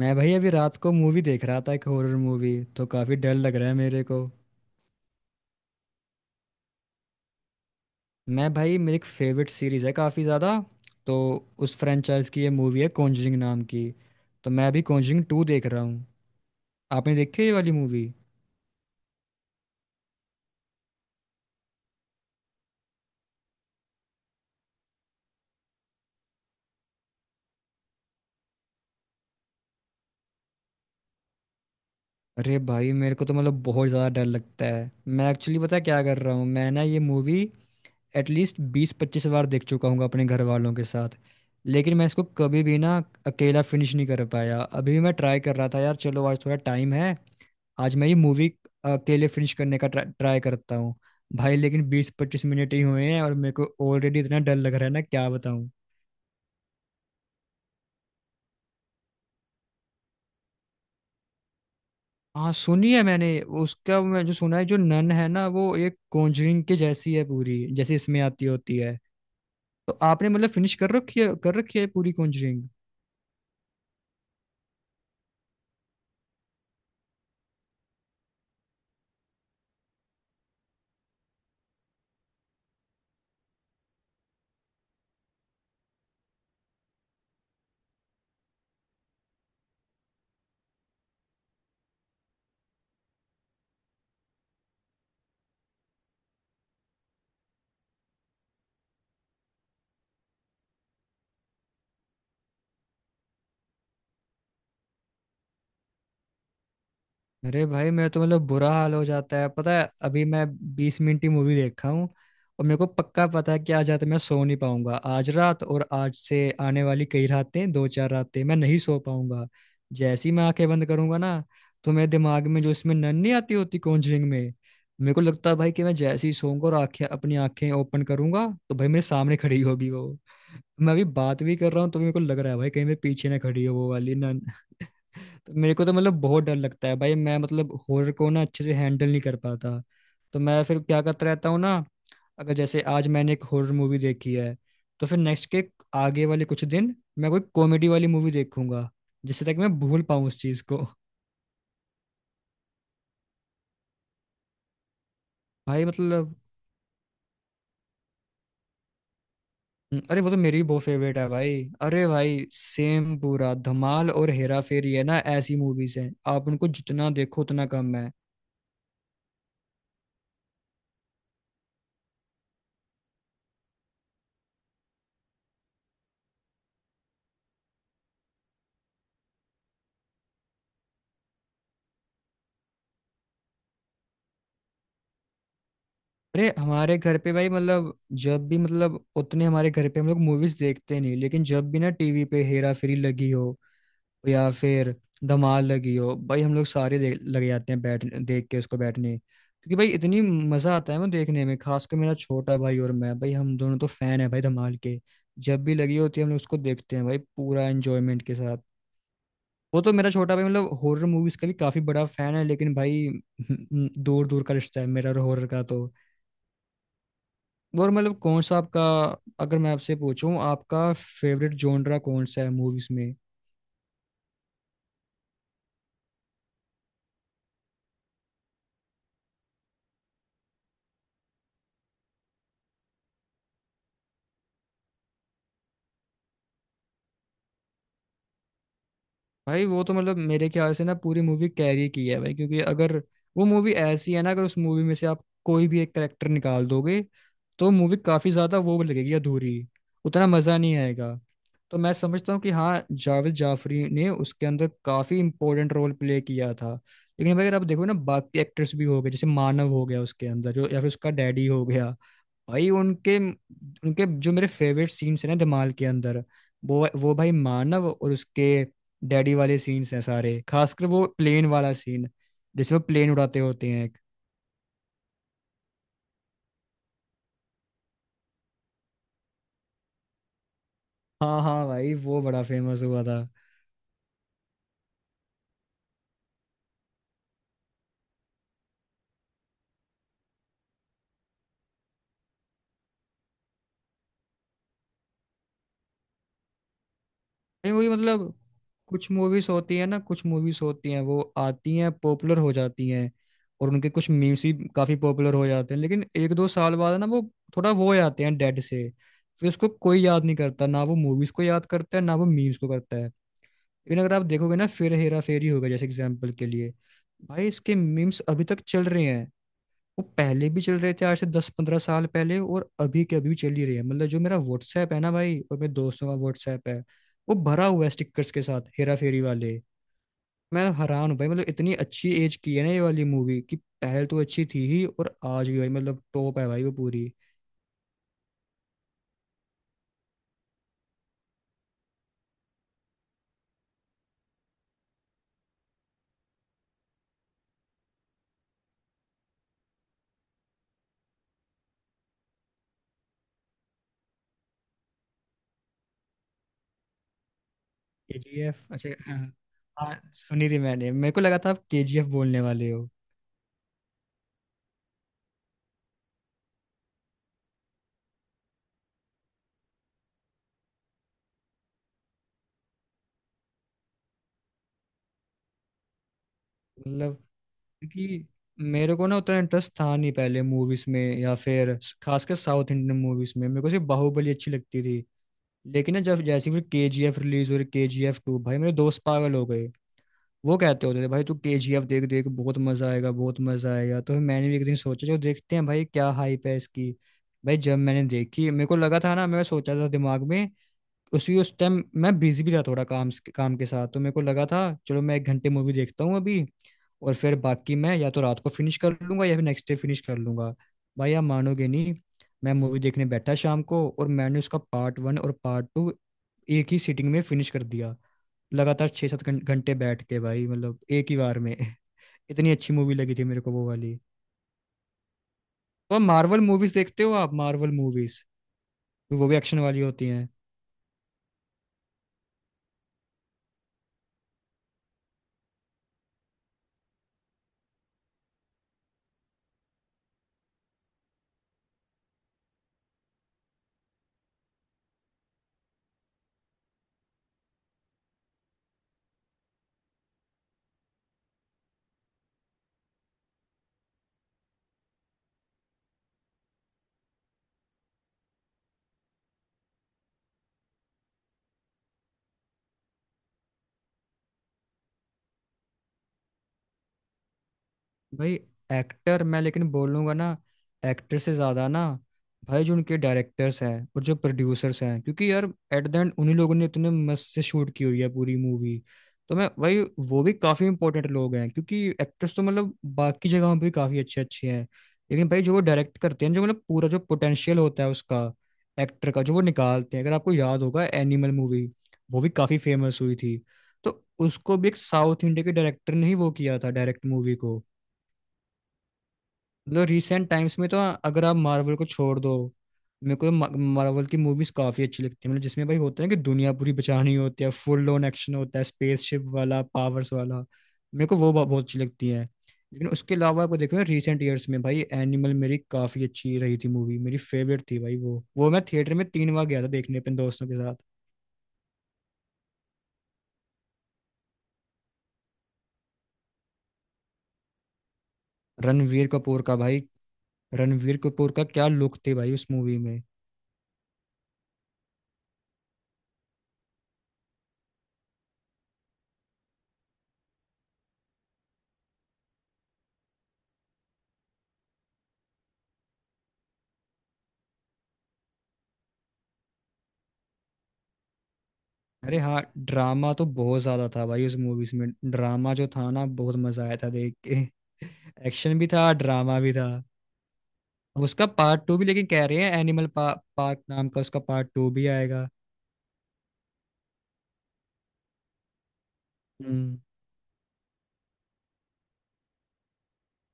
मैं भाई अभी रात को मूवी देख रहा था, एक हॉरर मूवी। तो काफ़ी डर लग रहा है मेरे को। मैं भाई मेरी एक फेवरेट सीरीज़ है काफ़ी ज़्यादा, तो उस फ्रेंचाइज की ये मूवी है, कॉन्जरिंग नाम की। तो मैं अभी कॉन्जरिंग टू देख रहा हूँ। आपने देखी है ये वाली मूवी? अरे भाई, मेरे को तो मतलब बहुत ज़्यादा डर लगता है। मैं एक्चुअली पता है क्या कर रहा हूँ, मैं ना ये मूवी एटलीस्ट 20-25 बार देख चुका हूँ अपने घर वालों के साथ। लेकिन मैं इसको कभी भी ना अकेला फिनिश नहीं कर पाया। अभी मैं ट्राई कर रहा था, यार चलो आज थोड़ा टाइम है, आज मैं ये मूवी के लिए फिनिश करने का ट्राई करता हूँ। भाई लेकिन 20-25 मिनट ही हुए हैं और मेरे को ऑलरेडी इतना डर लग रहा है ना, क्या बताऊँ। हाँ, सुनी है मैंने उसका, मैं जो सुना है जो नन है ना वो एक कॉन्जरिंग के जैसी है पूरी, जैसे इसमें आती होती है। तो आपने मतलब फिनिश कर रखी है पूरी कॉन्जरिंग? अरे भाई मेरा तो मतलब बुरा हाल हो जाता है। पता है अभी मैं 20 मिनट की मूवी देखा हूँ, और मेरे को पक्का पता है कि आज रात मैं सो नहीं पाऊंगा, आज रात और आज से आने वाली कई रातें, दो चार रातें मैं नहीं सो पाऊंगा। जैसे ही मैं आंखें बंद करूंगा ना, तो मेरे दिमाग में जो इसमें नन नहीं आती होती कॉन्जरिंग में, मेरे को लगता है भाई कि मैं जैसे ही सोऊंगा और आंखें, अपनी आंखें ओपन करूंगा तो भाई मेरे सामने खड़ी होगी वो। मैं अभी बात भी कर रहा हूँ तो मेरे को लग रहा है भाई कहीं मेरे पीछे ना खड़ी हो वो वाली। तो मेरे को तो मतलब बहुत डर लगता है भाई, मैं मतलब हॉरर को ना अच्छे से हैंडल नहीं कर पाता। तो मैं फिर क्या करता रहता हूँ ना, अगर जैसे आज मैंने एक हॉरर मूवी देखी है, तो फिर नेक्स्ट के आगे वाले कुछ दिन मैं कोई कॉमेडी वाली मूवी देखूंगा, जिससे तक मैं भूल पाऊँ उस चीज को। भाई मतलब, अरे वो तो मेरी भी बहुत फेवरेट है भाई। अरे भाई सेम पूरा, धमाल और हेरा फेरी है ना ऐसी मूवीज हैं, आप उनको जितना देखो उतना कम है। अरे हमारे घर पे भाई मतलब, जब भी मतलब उतने हमारे घर पे हम लोग मूवीज देखते नहीं, लेकिन जब भी ना टीवी पे हेरा फेरी लगी हो या फिर धमाल लगी हो, भाई हम लोग सारे देख लग जाते हैं, बैठ देख के उसको बैठने, क्योंकि भाई इतनी मजा आता है ना देखने में, खासकर मेरा छोटा भाई और मैं, भाई हम दोनों तो फैन है भाई धमाल के। जब भी लगी होती है हम लोग उसको देखते हैं भाई पूरा एंजॉयमेंट के साथ। वो तो मेरा छोटा भाई मतलब हॉरर मूवीज का भी काफी बड़ा फैन है, लेकिन भाई दूर दूर का रिश्ता है मेरा और हॉरर का तो। और मतलब कौन सा आपका, अगर मैं आपसे पूछूं आपका फेवरेट जॉनरा कौन सा है मूवीज में? भाई वो तो मतलब मेरे ख्याल से ना पूरी मूवी कैरी की है भाई, क्योंकि अगर वो मूवी ऐसी है ना, अगर उस मूवी में से आप कोई भी एक करेक्टर निकाल दोगे, तो मूवी काफी ज्यादा वो लगेगी, अधूरी, उतना मजा नहीं आएगा। तो मैं समझता हूँ कि हाँ, जावेद जाफरी ने उसके अंदर काफी इंपॉर्टेंट रोल प्ले किया था। लेकिन भाई अगर आप देखो ना, बाकी एक्टर्स भी हो गए, जैसे मानव हो गया उसके अंदर जो, या फिर उसका डैडी हो गया। भाई उनके उनके जो मेरे फेवरेट सीन्स हैं ना धमाल के अंदर, वो भाई मानव और उसके डैडी वाले सीन्स हैं सारे, खासकर वो प्लेन वाला सीन, जिसमें प्लेन उड़ाते होते हैं एक। हाँ हाँ भाई वो बड़ा फेमस हुआ था। नहीं वही मतलब, कुछ मूवीज होती हैं, वो आती हैं पॉपुलर हो जाती हैं, और उनके कुछ मीम्स भी काफी पॉपुलर हो जाते हैं, लेकिन एक दो साल बाद ना वो थोड़ा वो हो जाते हैं डेड से, फिर उसको कोई याद नहीं करता, ना वो मूवीज को याद करता है ना वो मीम्स को करता है। लेकिन अगर आप देखोगे ना फिर हेरा फेरी होगा, जैसे एग्जाम्पल के लिए, भाई इसके मीम्स अभी तक चल रहे हैं। वो पहले भी चल रहे थे, आज से 10-15 साल पहले, और अभी के अभी भी चल ही रहे हैं, मतलब जो मेरा व्हाट्सएप है ना भाई और मेरे दोस्तों का व्हाट्सएप है, वो भरा हुआ है स्टिकर्स के साथ हेरा फेरी वाले। मैं हैरान हूँ भाई, मतलब इतनी अच्छी एज की है ना ये वाली मूवी कि पहले तो अच्छी थी ही, और आज भी भाई मतलब टॉप है भाई वो पूरी। केजीएफ, अच्छा, हाँ। हाँ, सुनी थी मैंने, मेरे को लगा था आप केजीएफ बोलने वाले हो। मतलब, क्योंकि मेरे को ना उतना इंटरेस्ट था नहीं पहले मूवीज में, या फिर खासकर साउथ इंडियन मूवीज में, मेरे को सिर्फ बाहुबली अच्छी लगती थी। लेकिन ना जब जैसे ही फिर के जी एफ रिलीज हो रही, के जी एफ टू, भाई मेरे दोस्त पागल हो गए। वो कहते होते थे भाई तू के जी एफ देख देख, बहुत मजा आएगा बहुत मजा आएगा, तो फिर मैंने भी एक दिन सोचा जो देखते हैं भाई क्या हाइप है इसकी। भाई जब मैंने देखी, मेरे को लगा था ना, मैं सोचा था दिमाग में, उसी उस टाइम मैं बिजी भी था थोड़ा, काम के साथ, तो मेरे को लगा था चलो मैं एक घंटे मूवी देखता हूँ अभी, और फिर बाकी मैं या तो रात को फिनिश कर लूंगा या फिर नेक्स्ट डे फिनिश कर लूंगा। भाई आप मानोगे नहीं, मैं मूवी देखने बैठा शाम को और मैंने उसका पार्ट वन और पार्ट टू एक ही सिटिंग में फिनिश कर दिया। लगातार 6-7 घंटे बैठ के भाई, मतलब एक ही बार में। इतनी अच्छी मूवी लगी थी मेरे को वो वाली। और मार्वल मूवीज देखते हो आप? मार्वल मूवीज, वो भी एक्शन वाली होती हैं। भाई एक्टर, मैं लेकिन बोलूंगा ना, एक्टर से ज्यादा ना भाई जो उनके डायरेक्टर्स हैं और जो प्रोड्यूसर्स हैं, क्योंकि यार एट द एंड उन्हीं लोगों ने इतने मस्त से शूट की हुई है पूरी मूवी। तो मैं भाई, वो भी काफी इंपॉर्टेंट लोग हैं, क्योंकि एक्टर्स तो मतलब बाकी जगहों पे भी काफी अच्छे अच्छे हैं, लेकिन भाई जो वो डायरेक्ट करते हैं, जो मतलब पूरा जो पोटेंशियल होता है उसका एक्टर का, जो वो निकालते हैं। अगर आपको याद होगा एनिमल मूवी, वो भी काफी फेमस हुई थी। तो उसको भी एक साउथ इंडिया के डायरेक्टर ने ही वो किया था डायरेक्ट, मूवी को। मतलब रिसेंट टाइम्स में तो, अगर आप मार्वल को छोड़ दो, मेरे को मार्वल की मूवीज काफी अच्छी लगती है, मतलब जिसमें भाई होता है कि दुनिया पूरी बचानी होती है, फुल ऑन एक्शन होता है, स्पेसशिप वाला, पावर्स वाला, मेरे को वो बहुत अच्छी लगती है। लेकिन उसके अलावा आपको देखो रिसेंट ईयर्स में, भाई एनिमल मेरी काफी अच्छी रही थी मूवी, मेरी फेवरेट थी भाई वो मैं थिएटर में तीन बार गया था देखने अपने दोस्तों के साथ। रणवीर कपूर का भाई, रणवीर कपूर का क्या लुक थे भाई उस मूवी में। अरे हाँ ड्रामा तो बहुत ज्यादा था भाई उस मूवीज में, ड्रामा जो था ना बहुत मजा आया था देख के। एक्शन भी था ड्रामा भी था। अब उसका पार्ट टू भी लेकिन कह रहे हैं, एनिमल पार्क नाम का उसका पार्ट टू भी आएगा। हम्म।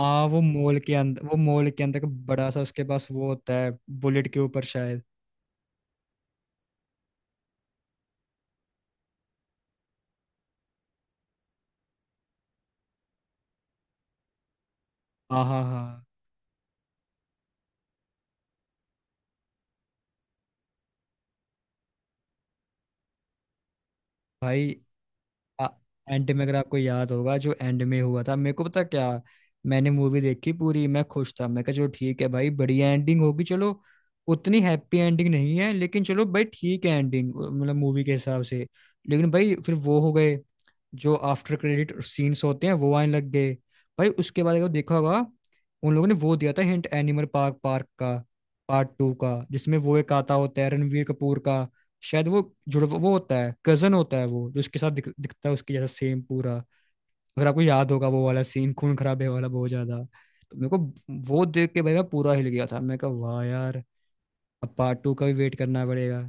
हाँ वो मॉल के अंदर, वो मॉल के अंदर का बड़ा सा उसके पास वो होता है, बुलेट के ऊपर शायद। हाँ हाँ हाँ। भाई एंड में, अगर आपको याद होगा जो एंड में हुआ था, मेरे को पता क्या, मैंने मूवी देखी पूरी, मैं खुश था, मैं कहा चलो ठीक है भाई बढ़िया एंडिंग होगी, चलो, उतनी हैप्पी एंडिंग नहीं है, लेकिन चलो भाई ठीक है एंडिंग, मतलब मूवी के हिसाब से। लेकिन भाई फिर वो हो गए जो आफ्टर क्रेडिट सीन्स होते हैं, वो आने लग गए। भाई उसके बाद अगर देखा होगा, उन लोगों ने वो दिया था हिंट, एनिमल पार्क, पार्क का पार्ट टू का, जिसमें वो एक आता होता है रणवीर कपूर का, शायद वो जुड़ वो होता है, कजन होता है वो जो उसके साथ दिखता है उसके जैसा सेम पूरा। अगर आपको याद होगा वो वाला सीन खून खराबे वाला बहुत ज्यादा, तो मेरे को वो देख के भाई मैं पूरा हिल गया था, मैं कहा वाह यार, अब पार्ट टू का भी वेट करना पड़ेगा।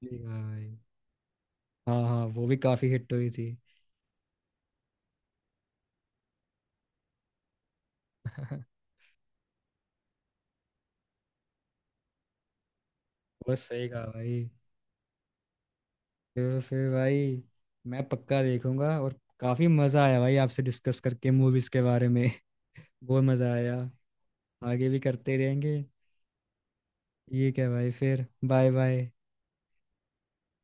ठीक है भाई। हाँ हाँ वो भी काफी हिट हुई थी। बस सही कहा भाई। फिर भाई मैं पक्का देखूंगा, और काफी मजा आया भाई आपसे डिस्कस करके मूवीज के बारे में। बहुत मजा आया, आगे भी करते रहेंगे। ये क्या भाई, फिर बाय बाय।